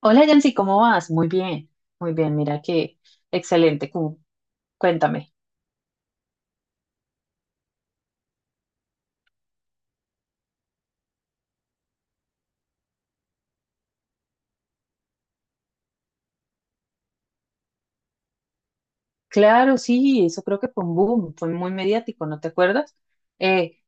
Hola Yancy, ¿cómo vas? Muy bien, mira que excelente, cuéntame. Claro, sí, eso creo que fue un boom, fue muy mediático, ¿no te acuerdas? Eh,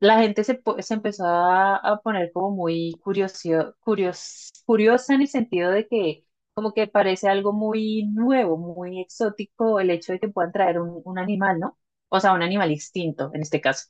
la gente se empezó a poner como muy curiosa en el sentido de que como que parece algo muy nuevo, muy exótico el hecho de que puedan traer un animal, ¿no? O sea, un animal extinto en este caso.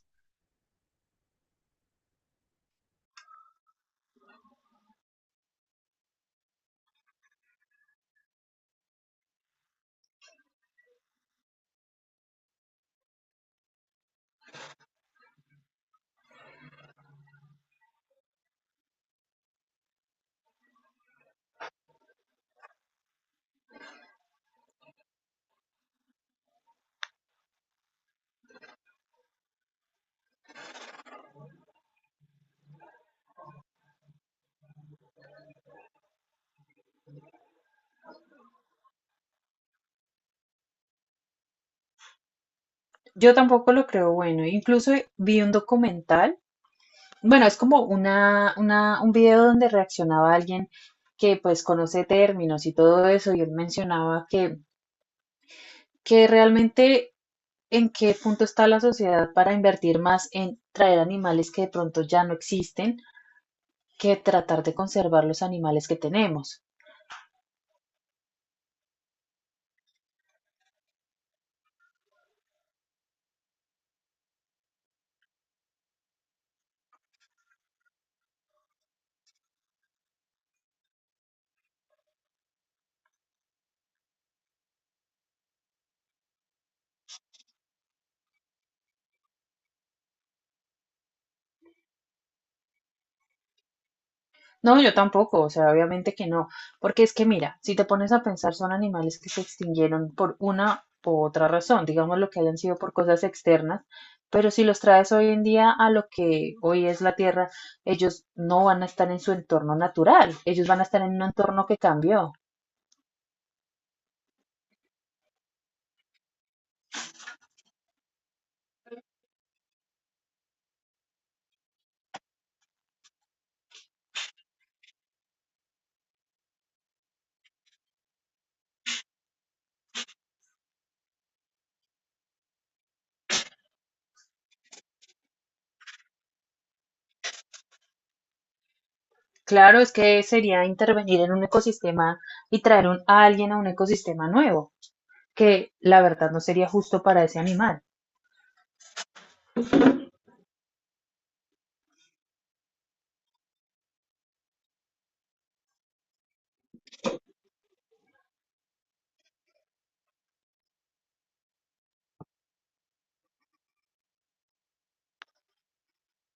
Yo tampoco lo creo bueno, incluso vi un documental. Bueno, es como un video donde reaccionaba alguien que pues conoce términos y todo eso, y él mencionaba que realmente en qué punto está la sociedad para invertir más en traer animales que de pronto ya no existen que tratar de conservar los animales que tenemos. No, yo tampoco, o sea, obviamente que no, porque es que mira, si te pones a pensar, son animales que se extinguieron por una u otra razón, digamos lo que hayan sido por cosas externas, pero si los traes hoy en día a lo que hoy es la Tierra, ellos no van a estar en su entorno natural, ellos van a estar en un entorno que cambió. Claro, es que sería intervenir en un ecosistema y a alguien a un ecosistema nuevo, que la verdad no sería justo para ese animal.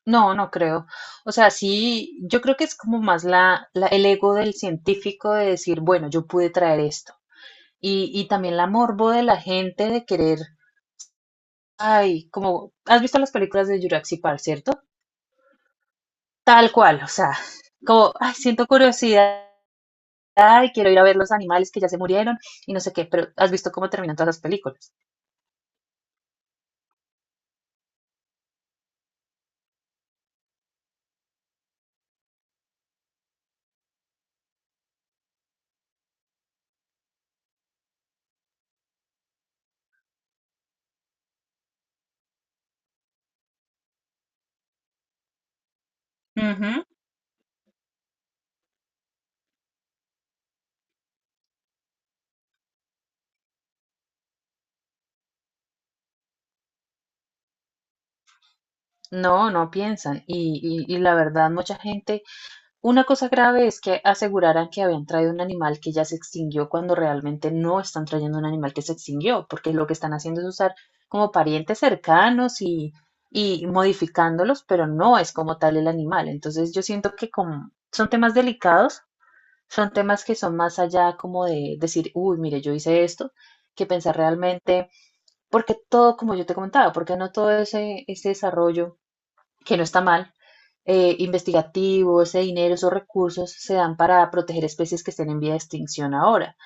No, no creo. O sea, sí, yo creo que es como más el ego del científico de decir, bueno, yo pude traer esto. Y también la morbo de la gente de querer, ay, como, ¿has visto las películas de Jurassic Park, cierto? Tal cual, o sea, como, ay, siento curiosidad, ay, quiero ir a ver los animales que ya se murieron y no sé qué, pero ¿has visto cómo terminan todas las películas? Ujú. No, no piensan. Y la verdad, mucha gente. Una cosa grave es que aseguraran que habían traído un animal que ya se extinguió cuando realmente no están trayendo un animal que se extinguió, porque lo que están haciendo es usar como parientes cercanos y modificándolos, pero no es como tal el animal. Entonces yo siento que como son temas delicados, son temas que son más allá como de decir, uy, mire, yo hice esto, que pensar realmente, porque todo, como yo te comentaba, porque no todo ese desarrollo, que no está mal, investigativo, ese dinero, esos recursos se dan para proteger especies que estén en vía de extinción ahora,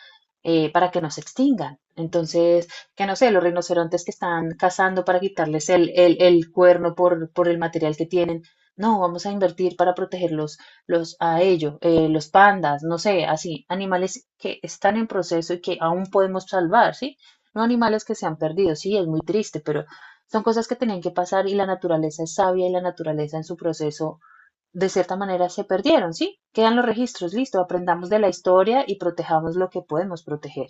para que no se extingan. Entonces, que no sé, los rinocerontes que están cazando para quitarles el cuerno por el material que tienen. No, vamos a invertir para protegerlos los pandas, no sé, así, animales que están en proceso y que aún podemos salvar, ¿sí? No animales que se han perdido, sí, es muy triste, pero son cosas que tenían que pasar y la naturaleza es sabia y la naturaleza en su proceso de cierta manera se perdieron, ¿sí? Quedan los registros, listo, aprendamos de la historia y protejamos lo que podemos proteger.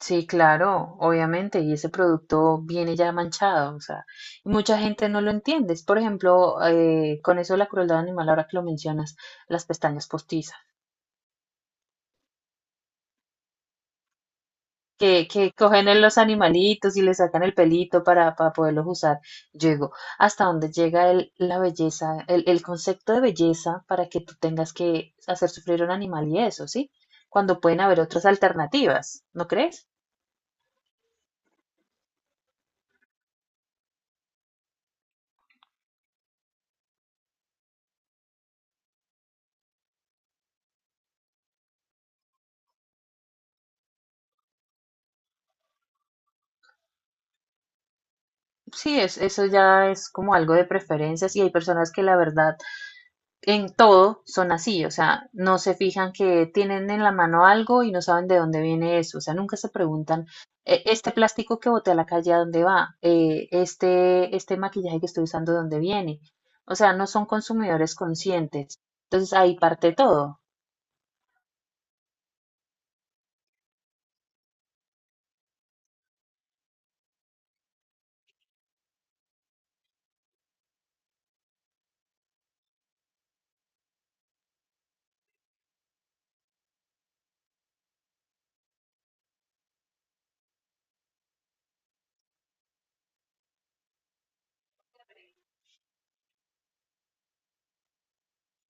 Sí, claro, obviamente, y ese producto viene ya manchado, o sea, y mucha gente no lo entiende. Es, por ejemplo, con eso de la crueldad animal, ahora que lo mencionas, las pestañas postizas. Que cogen en los animalitos y le sacan el pelito para poderlos usar. Yo digo, hasta dónde llega la belleza, el concepto de belleza para que tú tengas que hacer sufrir a un animal y eso, ¿sí? Cuando pueden haber otras alternativas, ¿no crees? Sí, es, eso ya es como algo de preferencias y hay personas que la verdad en todo son así, o sea, no se fijan que tienen en la mano algo y no saben de dónde viene eso, o sea, nunca se preguntan, Este plástico que boté a la calle, ¿a dónde va? Este maquillaje que estoy usando, ¿de dónde viene? O sea, no son consumidores conscientes. Entonces, ahí parte todo.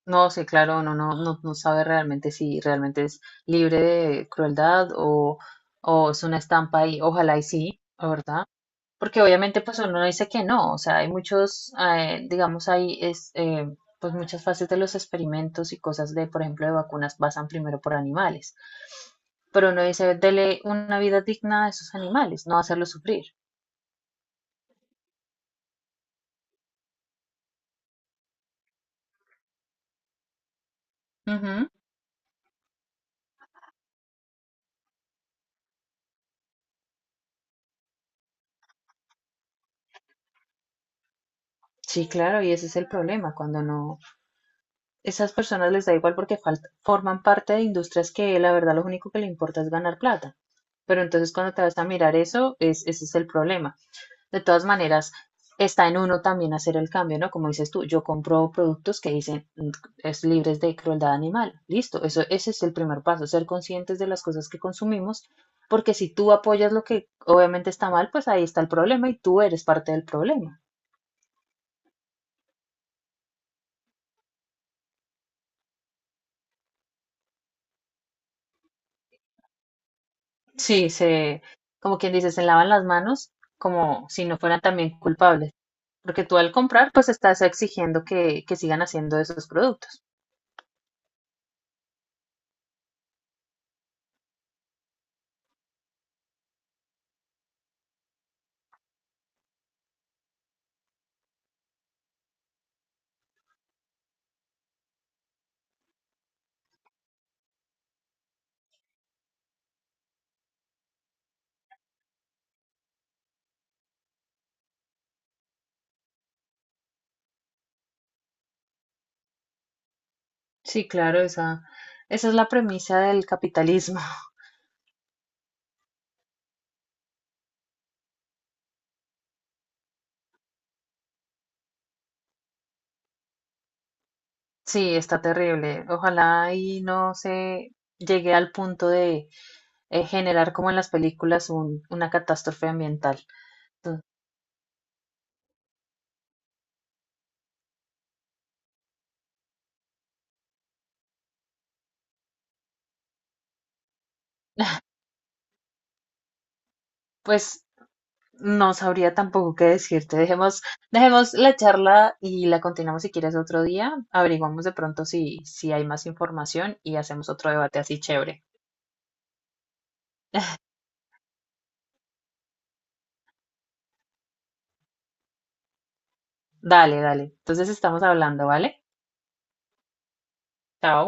No sé, claro, uno no sabe realmente si realmente es libre de crueldad o es una estampa y ojalá y sí, ¿verdad? Porque obviamente pues uno dice que no, o sea, hay muchos, digamos, pues muchas fases de los experimentos y cosas de, por ejemplo, de vacunas basan primero por animales. Pero uno dice, dele una vida digna a esos animales, no hacerlos sufrir. Ujú. Sí, claro, y ese es el problema, cuando no, esas personas les da igual porque forman parte de industrias que la verdad lo único que le importa es ganar plata. Pero entonces cuando te vas a mirar eso, es, ese es el problema. De todas maneras, está en uno también hacer el cambio, ¿no? Como dices tú, yo compro productos que dicen es libres de crueldad animal. Listo, eso, ese es el primer paso, ser conscientes de las cosas que consumimos, porque si tú apoyas lo que obviamente está mal, pues ahí está el problema y tú eres parte del problema. Sí, se, como quien dice, se lavan las manos como si no fueran también culpables, porque tú al comprar, pues estás exigiendo que sigan haciendo esos productos. Sí, claro, esa es la premisa del capitalismo. Sí, está terrible. Ojalá y no se llegue al punto de generar como en las películas una catástrofe ambiental. Entonces, pues no sabría tampoco qué decirte. Dejemos, dejemos la charla y la continuamos si quieres otro día. Averiguamos de pronto si, si hay más información y hacemos otro debate así chévere. Dale, dale. Entonces estamos hablando, ¿vale? Chao.